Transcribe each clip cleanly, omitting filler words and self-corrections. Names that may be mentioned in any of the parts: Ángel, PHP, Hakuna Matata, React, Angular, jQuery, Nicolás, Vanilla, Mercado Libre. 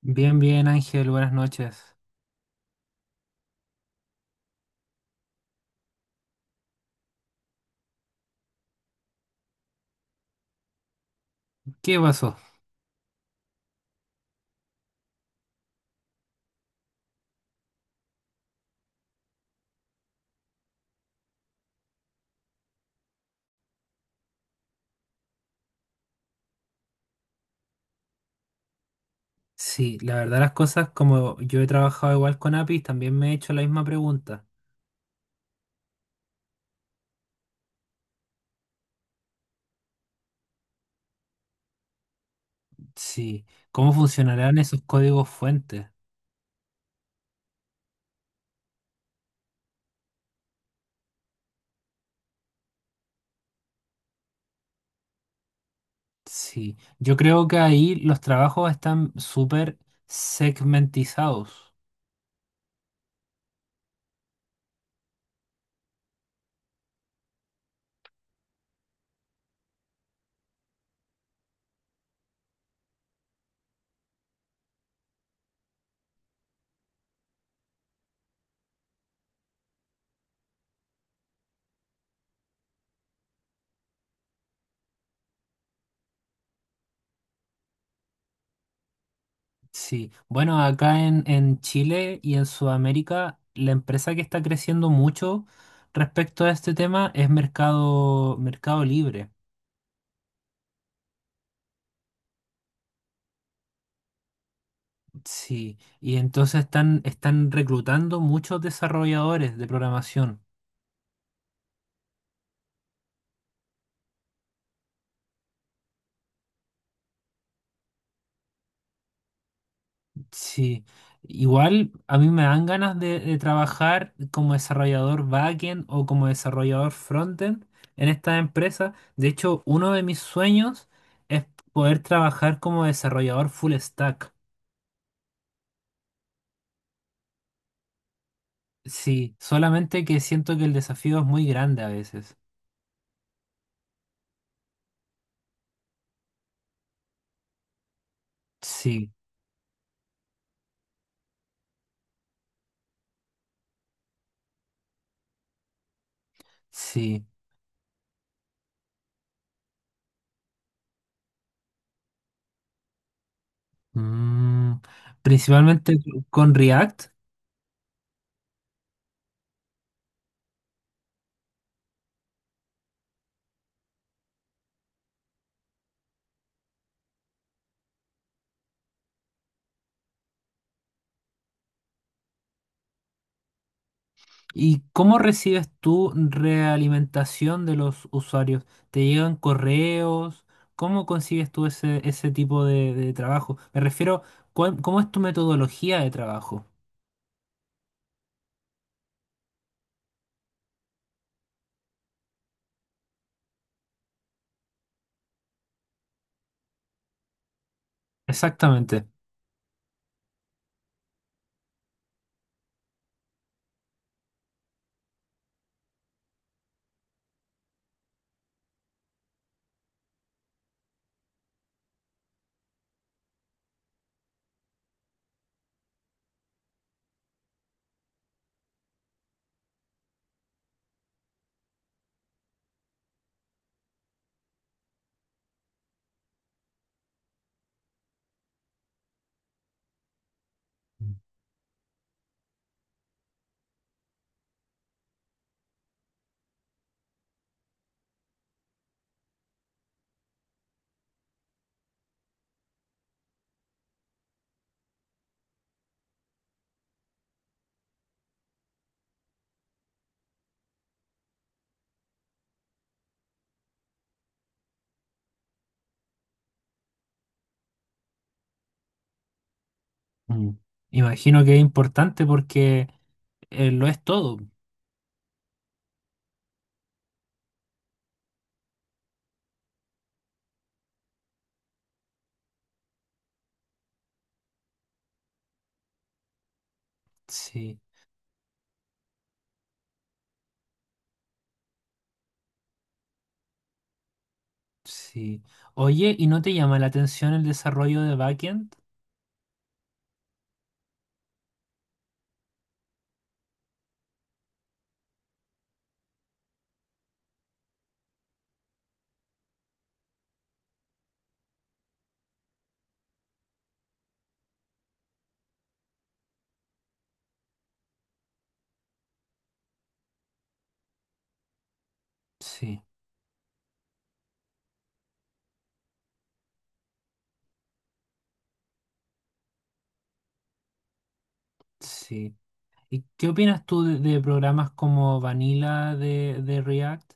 Bien, bien, Ángel, buenas noches. ¿Qué pasó? Sí, la verdad las cosas, como yo he trabajado igual con APIs, también me he hecho la misma pregunta. Sí, ¿cómo funcionarán esos códigos fuentes? Sí, yo creo que ahí los trabajos están súper segmentizados. Sí, bueno, acá en Chile y en Sudamérica, la empresa que está creciendo mucho respecto a este tema es Mercado Libre. Sí, y entonces están reclutando muchos desarrolladores de programación. Sí, igual a mí me dan ganas de trabajar como desarrollador backend o como desarrollador frontend en esta empresa. De hecho, uno de mis sueños es poder trabajar como desarrollador full stack. Sí, solamente que siento que el desafío es muy grande a veces. Sí, sí. Mm, principalmente con React. ¿Y cómo recibes tú realimentación de los usuarios? ¿Te llegan correos? ¿Cómo consigues tú ese, ese tipo de trabajo? Me refiero, ¿cuál- ¿cómo es tu metodología de trabajo? Exactamente. Mm. Imagino que es importante porque lo es todo. Sí, sí. Oye, ¿y no te llama la atención el desarrollo de backend? Sí, sí. ¿Y qué opinas tú de- programas como Vanilla de React?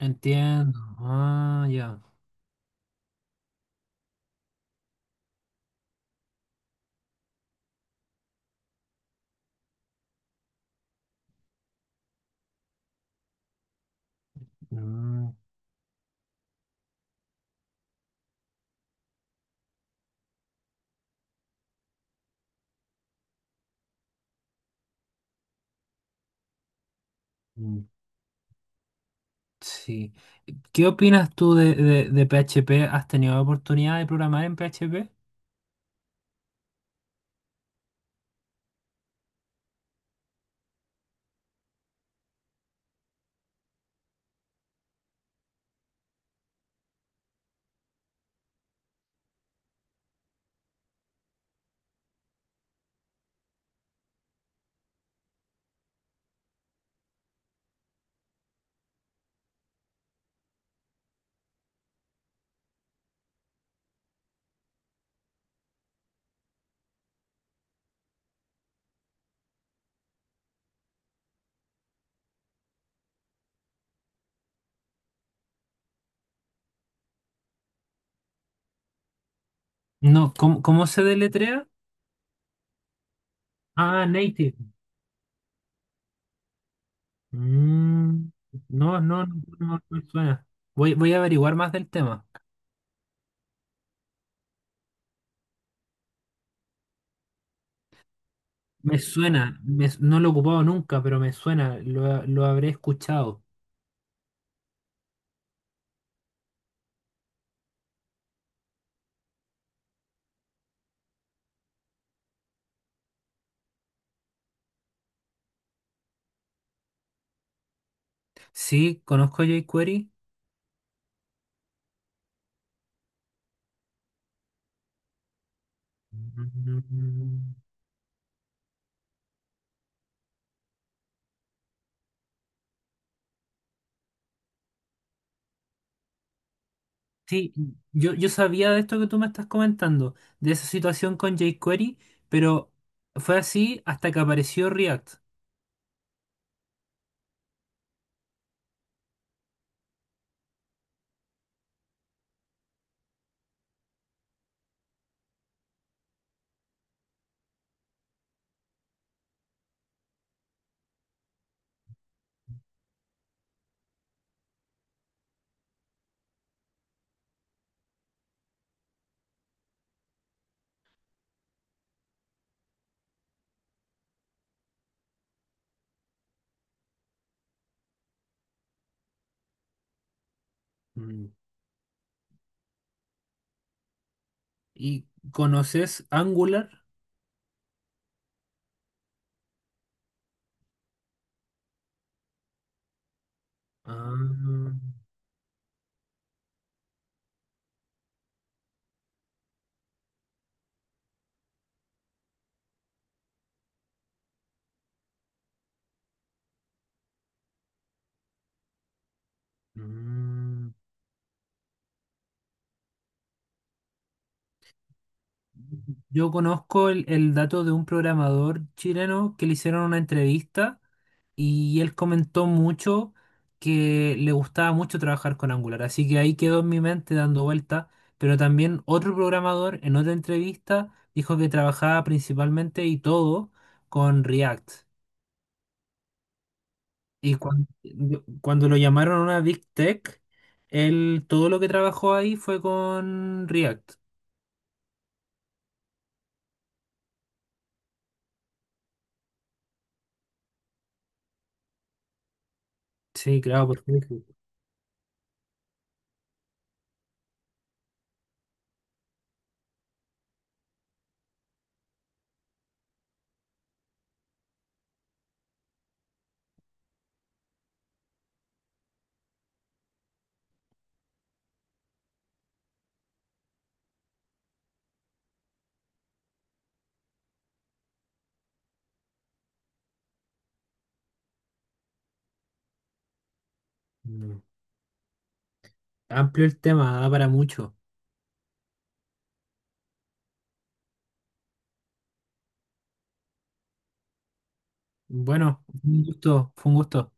Entiendo. Ah, ya. Mm, mm, sí. ¿Qué opinas tú de PHP? ¿Has tenido oportunidad de programar en PHP? No, ¿cómo, cómo se deletrea? Ah, native. Mm, no, no, no, no no me suena. Voy, voy a averiguar más del tema. Me suena, me- no lo he ocupado nunca, pero me suena, lo habré escuchado. Sí, conozco jQuery. Mm. Sí, yo sabía de esto que tú me estás comentando, de esa situación con jQuery, pero fue así hasta que apareció React. Mm. ¿Y conoces Angular? Ah, mm. Yo conozco el dato de un programador chileno que le hicieron una entrevista y él comentó mucho que le gustaba mucho trabajar con Angular, así que ahí quedó en mi mente dando vuelta, pero también otro programador en otra entrevista dijo que trabajaba principalmente y todo con React. Y cuan- yo- cuando, lo llamaron a una Big Tech, él todo lo que trabajó ahí fue con React. Sí, claro, porque mm, amplio el tema, da para mucho. Bueno, un gusto, fue un gusto.